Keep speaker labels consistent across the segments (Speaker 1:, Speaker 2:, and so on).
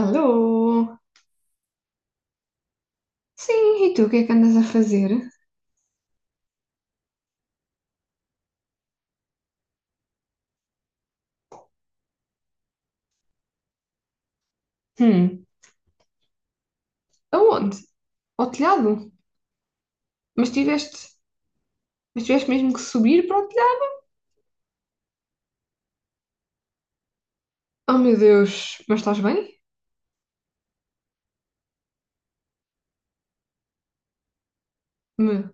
Speaker 1: Alô? Sim, e tu, o que é que andas a fazer? Hum, aonde? Ao telhado? Mas tiveste, mas tiveste mesmo que subir para o telhado? Oh meu Deus, mas estás bem? Me,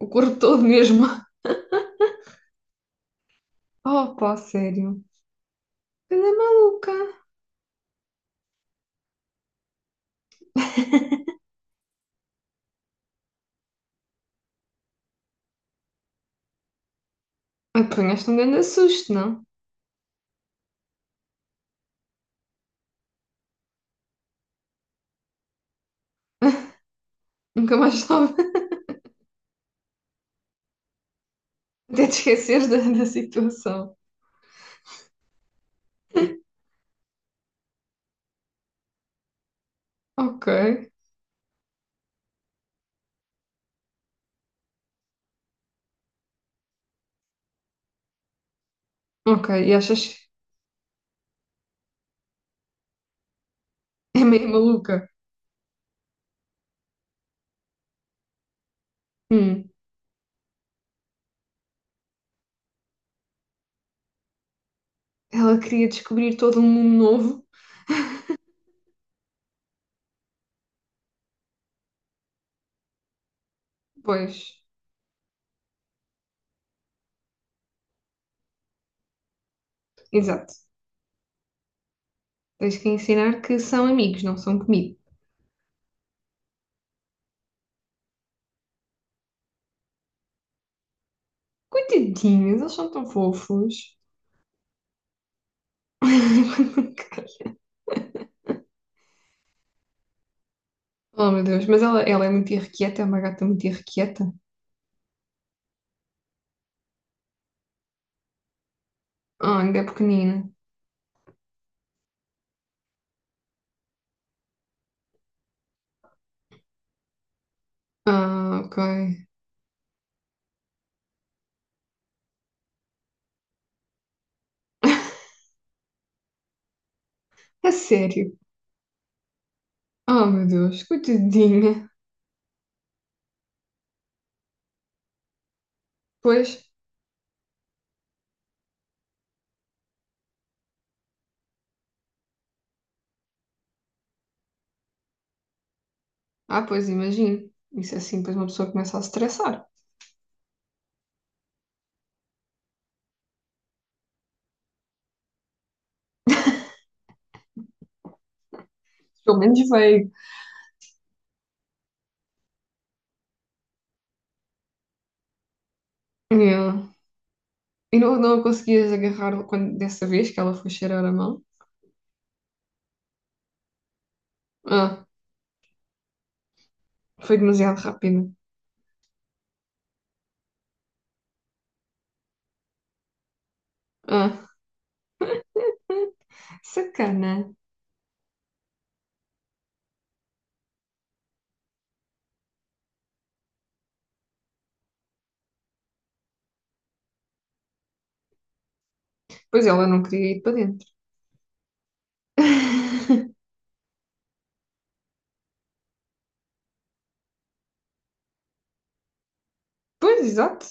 Speaker 1: o corpo todo mesmo. Oh pá, sério. Anda maluca. Apanhaste um grande susto, não? Nunca mais estava. Até te esqueceres da situação. Ok, ok, e achas é meio maluca? Hum, ela queria descobrir todo um mundo novo? Pois, exato. Tens que ensinar que são amigos, não são comida. Coitadinhos, eles são tão fofos. Oh, meu Deus, mas ela é muito irrequieta, é uma gata muito irrequieta. Ah, ainda é pequenina. Ah, ok. A sério? Oh, meu Deus, coitadinha. Pois, ah, pois, imagino. Isso é assim, depois uma pessoa começa a se estressar. Pelo menos veio. Yeah. E não, não a conseguias agarrar quando, dessa vez que ela foi cheirar a mão? Ah, foi demasiado rápido. Ah, sacana. Pois ela não queria ir para dentro. Pois, exato.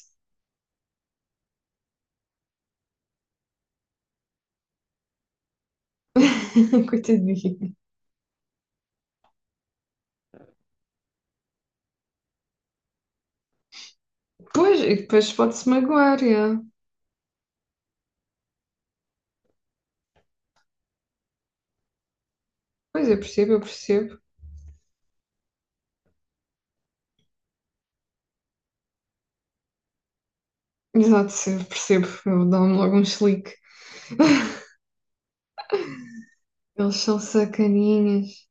Speaker 1: Coitadinha. Pois, e depois pode-se magoar, já. Pois, eu percebo, eu percebo. Exato, eu percebo. Eu dou-me logo um chilique. Eles são sacaninhas.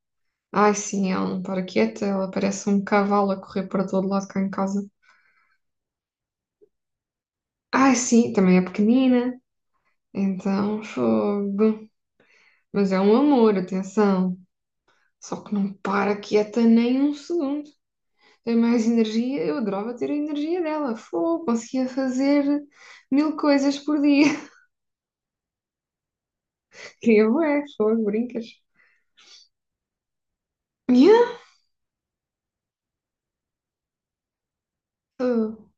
Speaker 1: Ai, sim, ela não para quieta. Ela parece um cavalo a correr para todo lado cá em casa. Ai, sim, também é pequenina. Então, fogo. Mas é um amor, atenção. Só que não para quieta nem um segundo. Tem mais energia. Eu adorava ter a energia dela. Fogo, conseguia fazer mil coisas por dia. Queria bué, fogo, brincas. Yeah. Oh,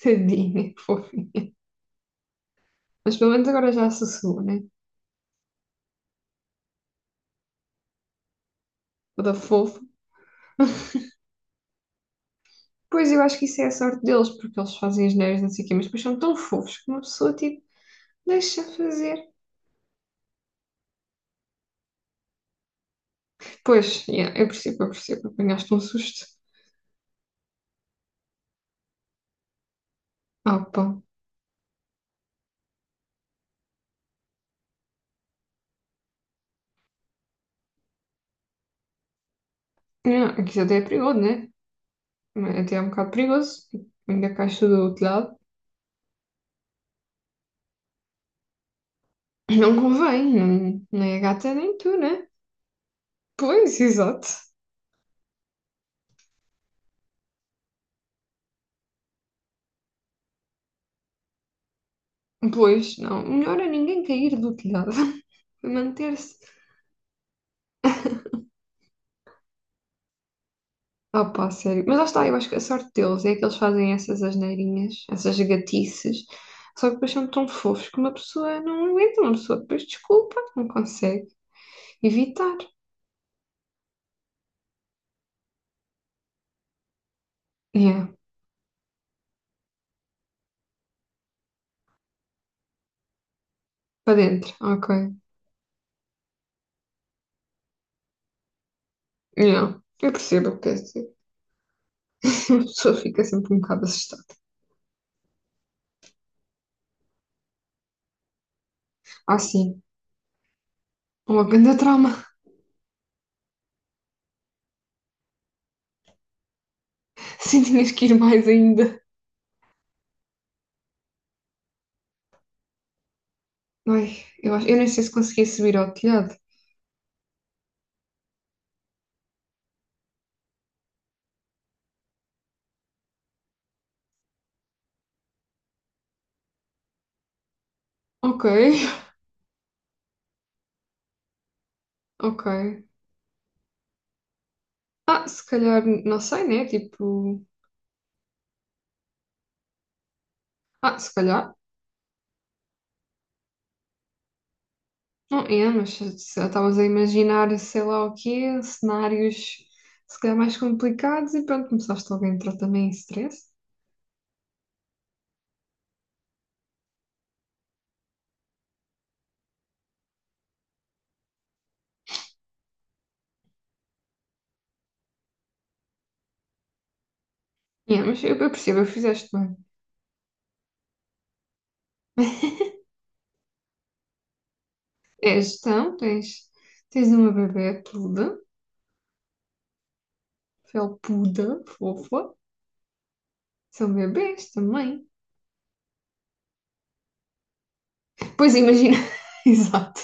Speaker 1: tadinha, fofa. Mas pelo menos agora já sossegou, né? Toda fofa. Pois eu acho que isso é a sorte deles, porque eles fazem as neiras, não sei o quê, mas depois são tão fofos que uma pessoa, tipo, deixa fazer. Pois, yeah, eu percebo, eu percebo. Apanhaste um susto. Ah, pá. Yeah, aqui até é perigoso, né? Até é um bocado perigoso. Ainda caixa do telhado. Não convém, não, nem a gata nem tu, né? Pois, exato. Pois, não. Melhor a ninguém cair do telhado. Manter-se. Ah, pá, sério. Mas lá está, eu acho que a sorte deles é que eles fazem essas asneirinhas, essas gatices, só que depois são tão fofos que uma pessoa não aguenta, uma pessoa depois desculpa, não consegue evitar. Yeah, para dentro, ok. Yeah, eu percebo o que queres dizer. A pessoa fica sempre um bocado assustada. Ah, sim, uma grande trauma. Sim, tinhas que ir mais ainda. Ai, eu acho, eu nem sei se conseguia subir ao telhado. Ok, ok. Ah, se calhar, não sei, né? Tipo, ah, se calhar, não é, mas se estavas a imaginar, sei lá o quê, cenários se calhar mais complicados e pronto, começaste logo a entrar também em stress. É, mas eu percebo, eu fizeste bem. É gestão, tens uma bebê peluda, felpuda, fofa. São bebês também. Pois imagina, exato.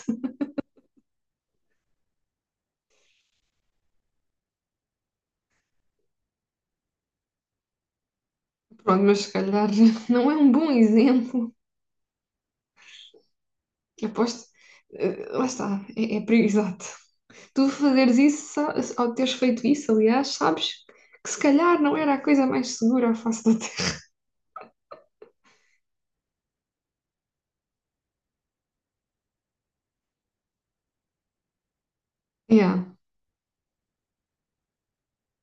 Speaker 1: Pronto, mas se calhar não é um bom exemplo. Eu aposto. Lá está, é exato. Tu fazeres isso, sa- Ao teres feito isso, aliás, sabes que se calhar não era a coisa mais segura à face da Terra. Yeah.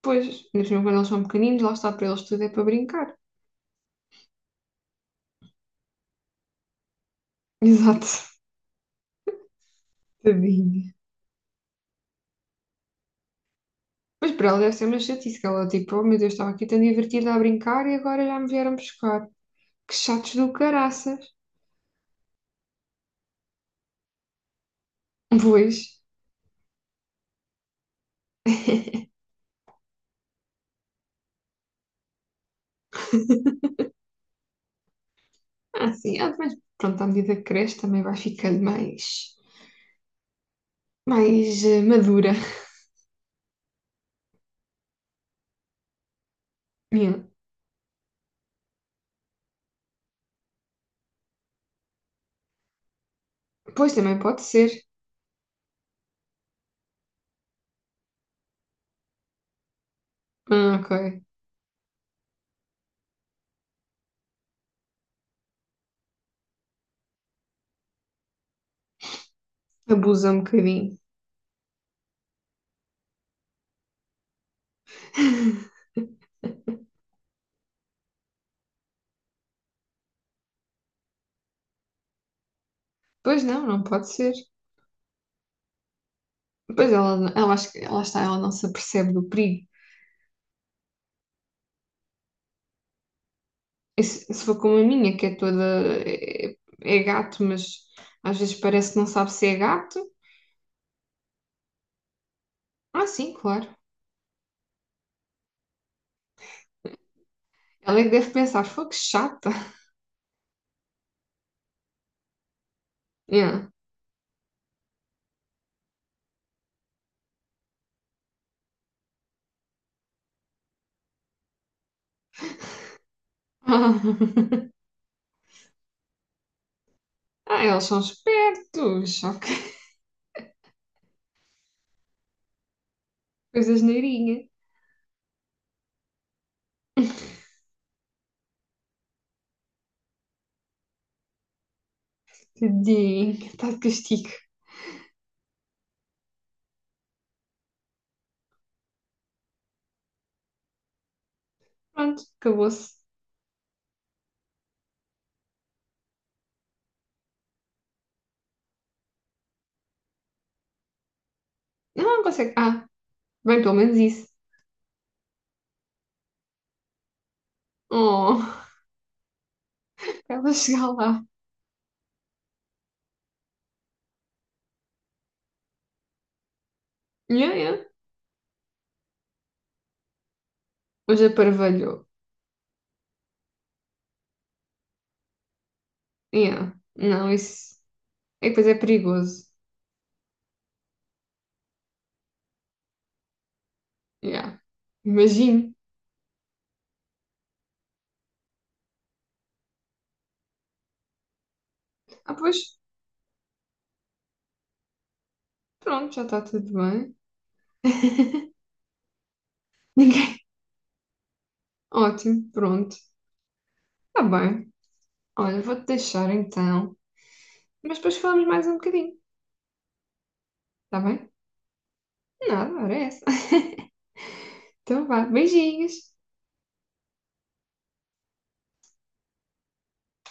Speaker 1: Pois, mesmo quando eles são pequeninos, lá está para eles tudo é para brincar. Exato. Tadinha. Mas para ela deve ser uma chatice, que ela tipo, oh meu Deus, estava aqui tão divertida a brincar e agora já me vieram buscar. Que chatos do caraças. Pois. Ah, sim, ah, mas pronto, à medida que cresce também vai ficando mais, mais madura. Yeah. Pois também pode ser. Ah, ok. Abusa um bocadinho. Pois não, não pode ser. Pois ela, acho que- lá está, ela não se apercebe do perigo. E se for como a minha, que é toda. É, É gato, mas às vezes parece que não sabe se é gato. Ah, sim, claro. Ela é que deve pensar, foi que chata. Yeah. Ah, eles são espertos. Ok. Coisas neirinha. Tadinho, está de castigo. Pronto, acabou-se. Não, não consegue. Ah, bem, pelo menos isso. Oh, pra ela chegar lá. Yeah, yeah. Hoje aparvalhou. Yeah. Não, isso. E depois é perigoso. Yeah. Imagino. Ah, pois, pronto, já está tudo bem. Ninguém. Ótimo, pronto. Está bem. Olha, vou-te deixar então. Mas depois falamos mais um bocadinho. Está bem? Nada, era essa. Então vá, beijinhos.